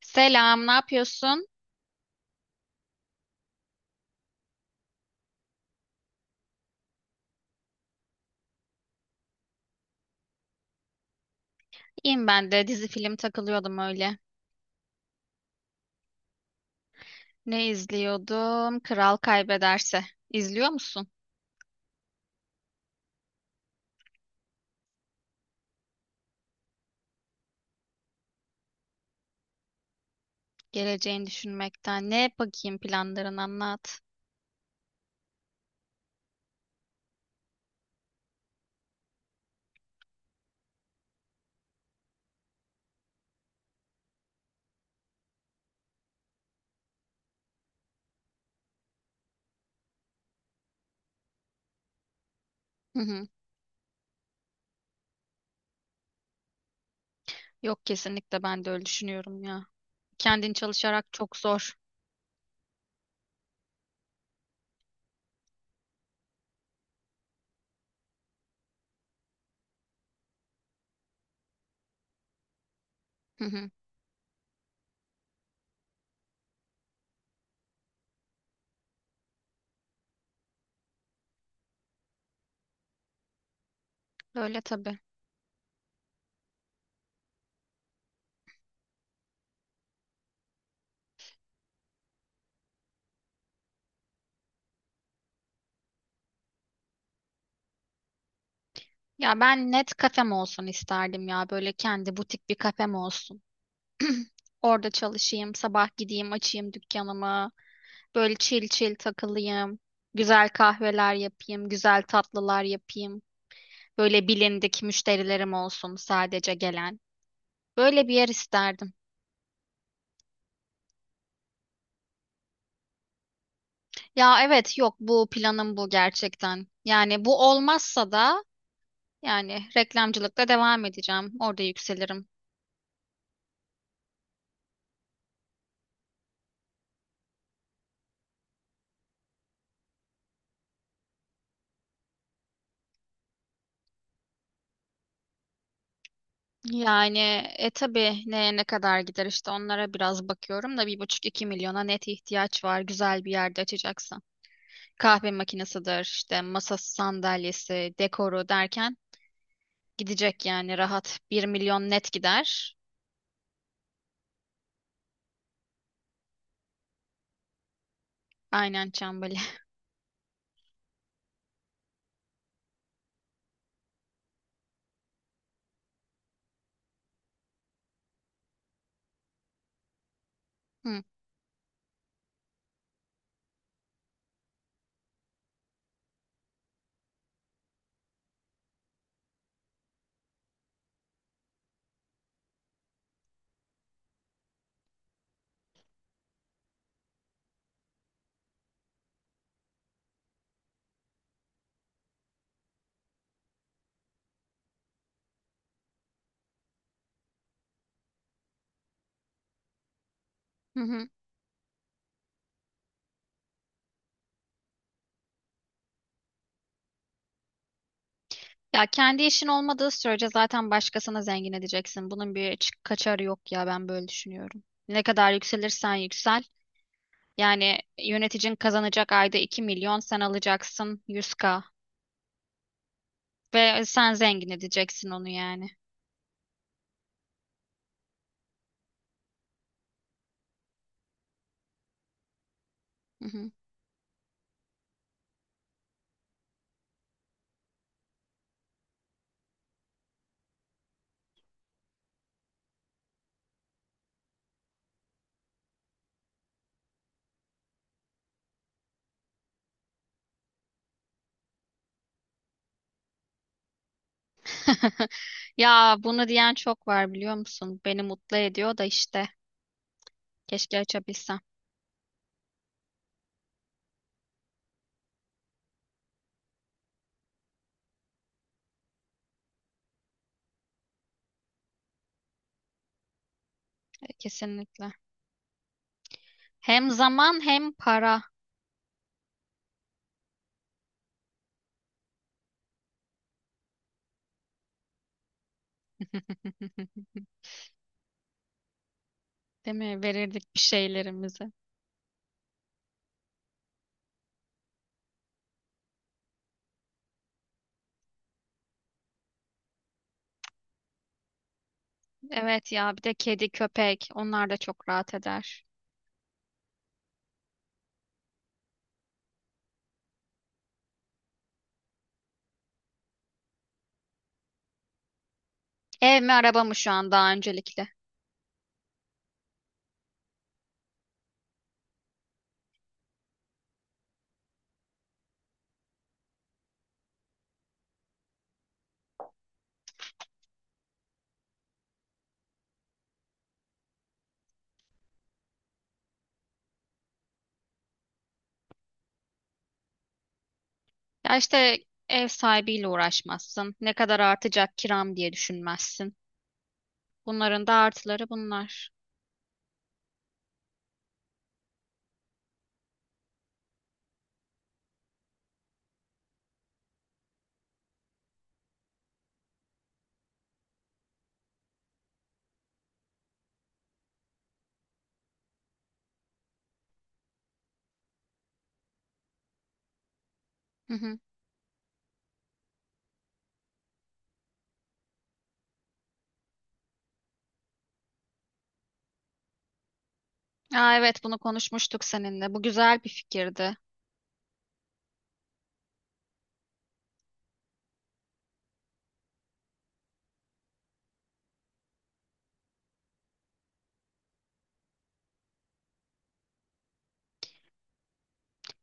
Selam, ne yapıyorsun? İyiyim ben de. Dizi film takılıyordum öyle. Ne izliyordum? Kral Kaybederse. İzliyor musun? Geleceğini düşünmekten. Ne bakayım, planların anlat. Hı hı. Yok, kesinlikle ben de öyle düşünüyorum ya. Kendin çalışarak çok zor. Hı hı. Öyle tabii. Ya ben net kafem olsun isterdim ya. Böyle kendi butik bir kafem olsun. Orada çalışayım, sabah gideyim, açayım dükkanımı. Böyle chill chill takılayım. Güzel kahveler yapayım, güzel tatlılar yapayım. Böyle bilindik müşterilerim olsun sadece gelen. Böyle bir yer isterdim. Ya evet, yok bu planım, bu gerçekten. Yani bu olmazsa da yani reklamcılıkta devam edeceğim. Orada yükselirim. Yani tabii neye ne kadar gider işte onlara biraz bakıyorum da 1,5-2 milyona net ihtiyaç var güzel bir yerde açacaksam. Kahve makinesidir, işte masası, sandalyesi, dekoru derken gidecek, yani rahat 1 milyon net gider. Aynen Çambali. Hı, hı hı. Ya kendi işin olmadığı sürece zaten başkasına zengin edeceksin. Bunun bir kaçarı yok ya, ben böyle düşünüyorum. Ne kadar yükselirsen yüksel. Yani yöneticin kazanacak ayda 2 milyon, sen alacaksın 100K. Ve sen zengin edeceksin onu yani. Hı hı. Ya bunu diyen çok var, biliyor musun? Beni mutlu ediyor da işte. Keşke açabilsem. Kesinlikle. Hem zaman hem para. Değil mi? Verirdik bir şeylerimizi. Evet ya, bir de kedi, köpek onlar da çok rahat eder. Ev mi, araba mı şu an daha öncelikle? Ya işte ev sahibiyle uğraşmazsın. Ne kadar artacak kiram diye düşünmezsin. Bunların da artıları bunlar. Hı hı. Aa, evet, bunu konuşmuştuk seninle. Bu güzel bir fikirdi.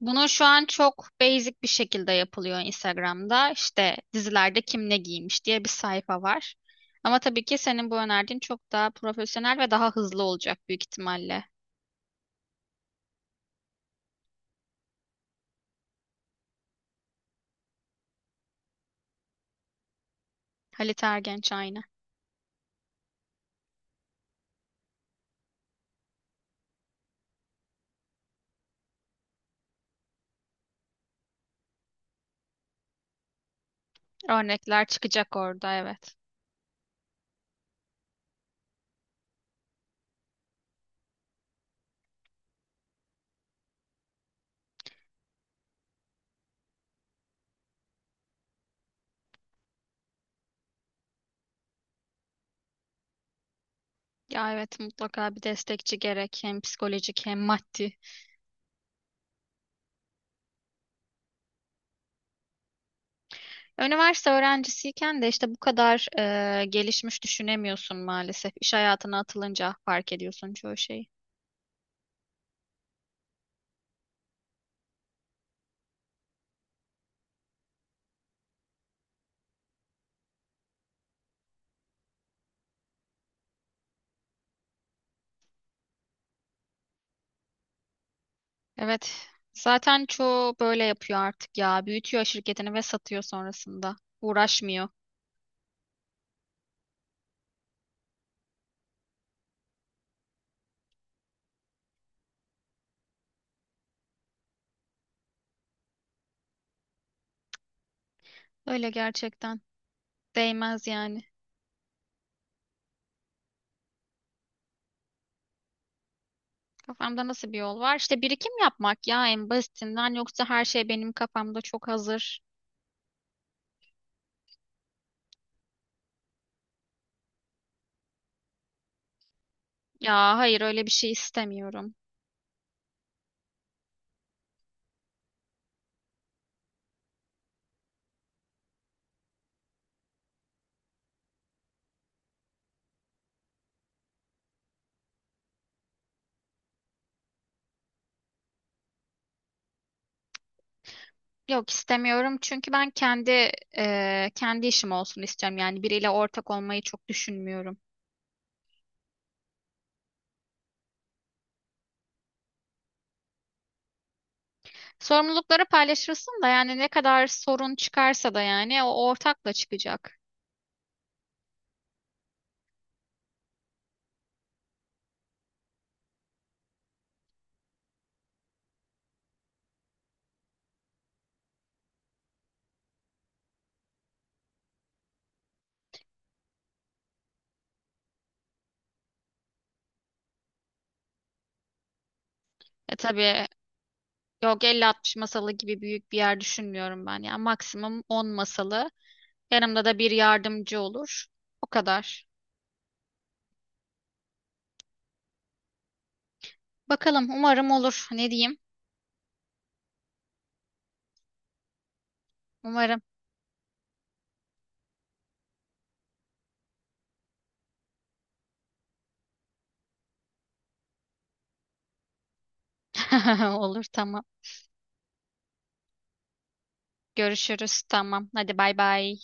Bunu şu an çok basic bir şekilde yapılıyor Instagram'da. İşte dizilerde kim ne giymiş diye bir sayfa var. Ama tabii ki senin bu önerdiğin çok daha profesyonel ve daha hızlı olacak büyük ihtimalle. Halit Ergenç aynı. Örnekler çıkacak orada, evet. Ya evet, mutlaka bir destekçi gerek, hem psikolojik hem maddi. Üniversite öğrencisiyken de işte bu kadar gelişmiş düşünemiyorsun maalesef. İş hayatına atılınca fark ediyorsun çoğu şeyi. Evet. Zaten çoğu böyle yapıyor artık ya. Büyütüyor şirketini ve satıyor sonrasında. Uğraşmıyor. Öyle gerçekten. Değmez yani. Kafamda nasıl bir yol var? İşte birikim yapmak ya, en basitinden, yoksa her şey benim kafamda çok hazır. Ya hayır, öyle bir şey istemiyorum. Yok istemiyorum çünkü ben kendi işim olsun istiyorum, yani biriyle ortak olmayı çok düşünmüyorum. Sorumlulukları paylaşırsın da yani ne kadar sorun çıkarsa da yani o ortakla çıkacak. E tabii, yok 50-60 masalı gibi büyük bir yer düşünmüyorum ben, yani maksimum 10 masalı, yanımda da bir yardımcı olur, o kadar. Bakalım, umarım olur, ne diyeyim, umarım. Olur, tamam, görüşürüz, tamam, hadi bay bay.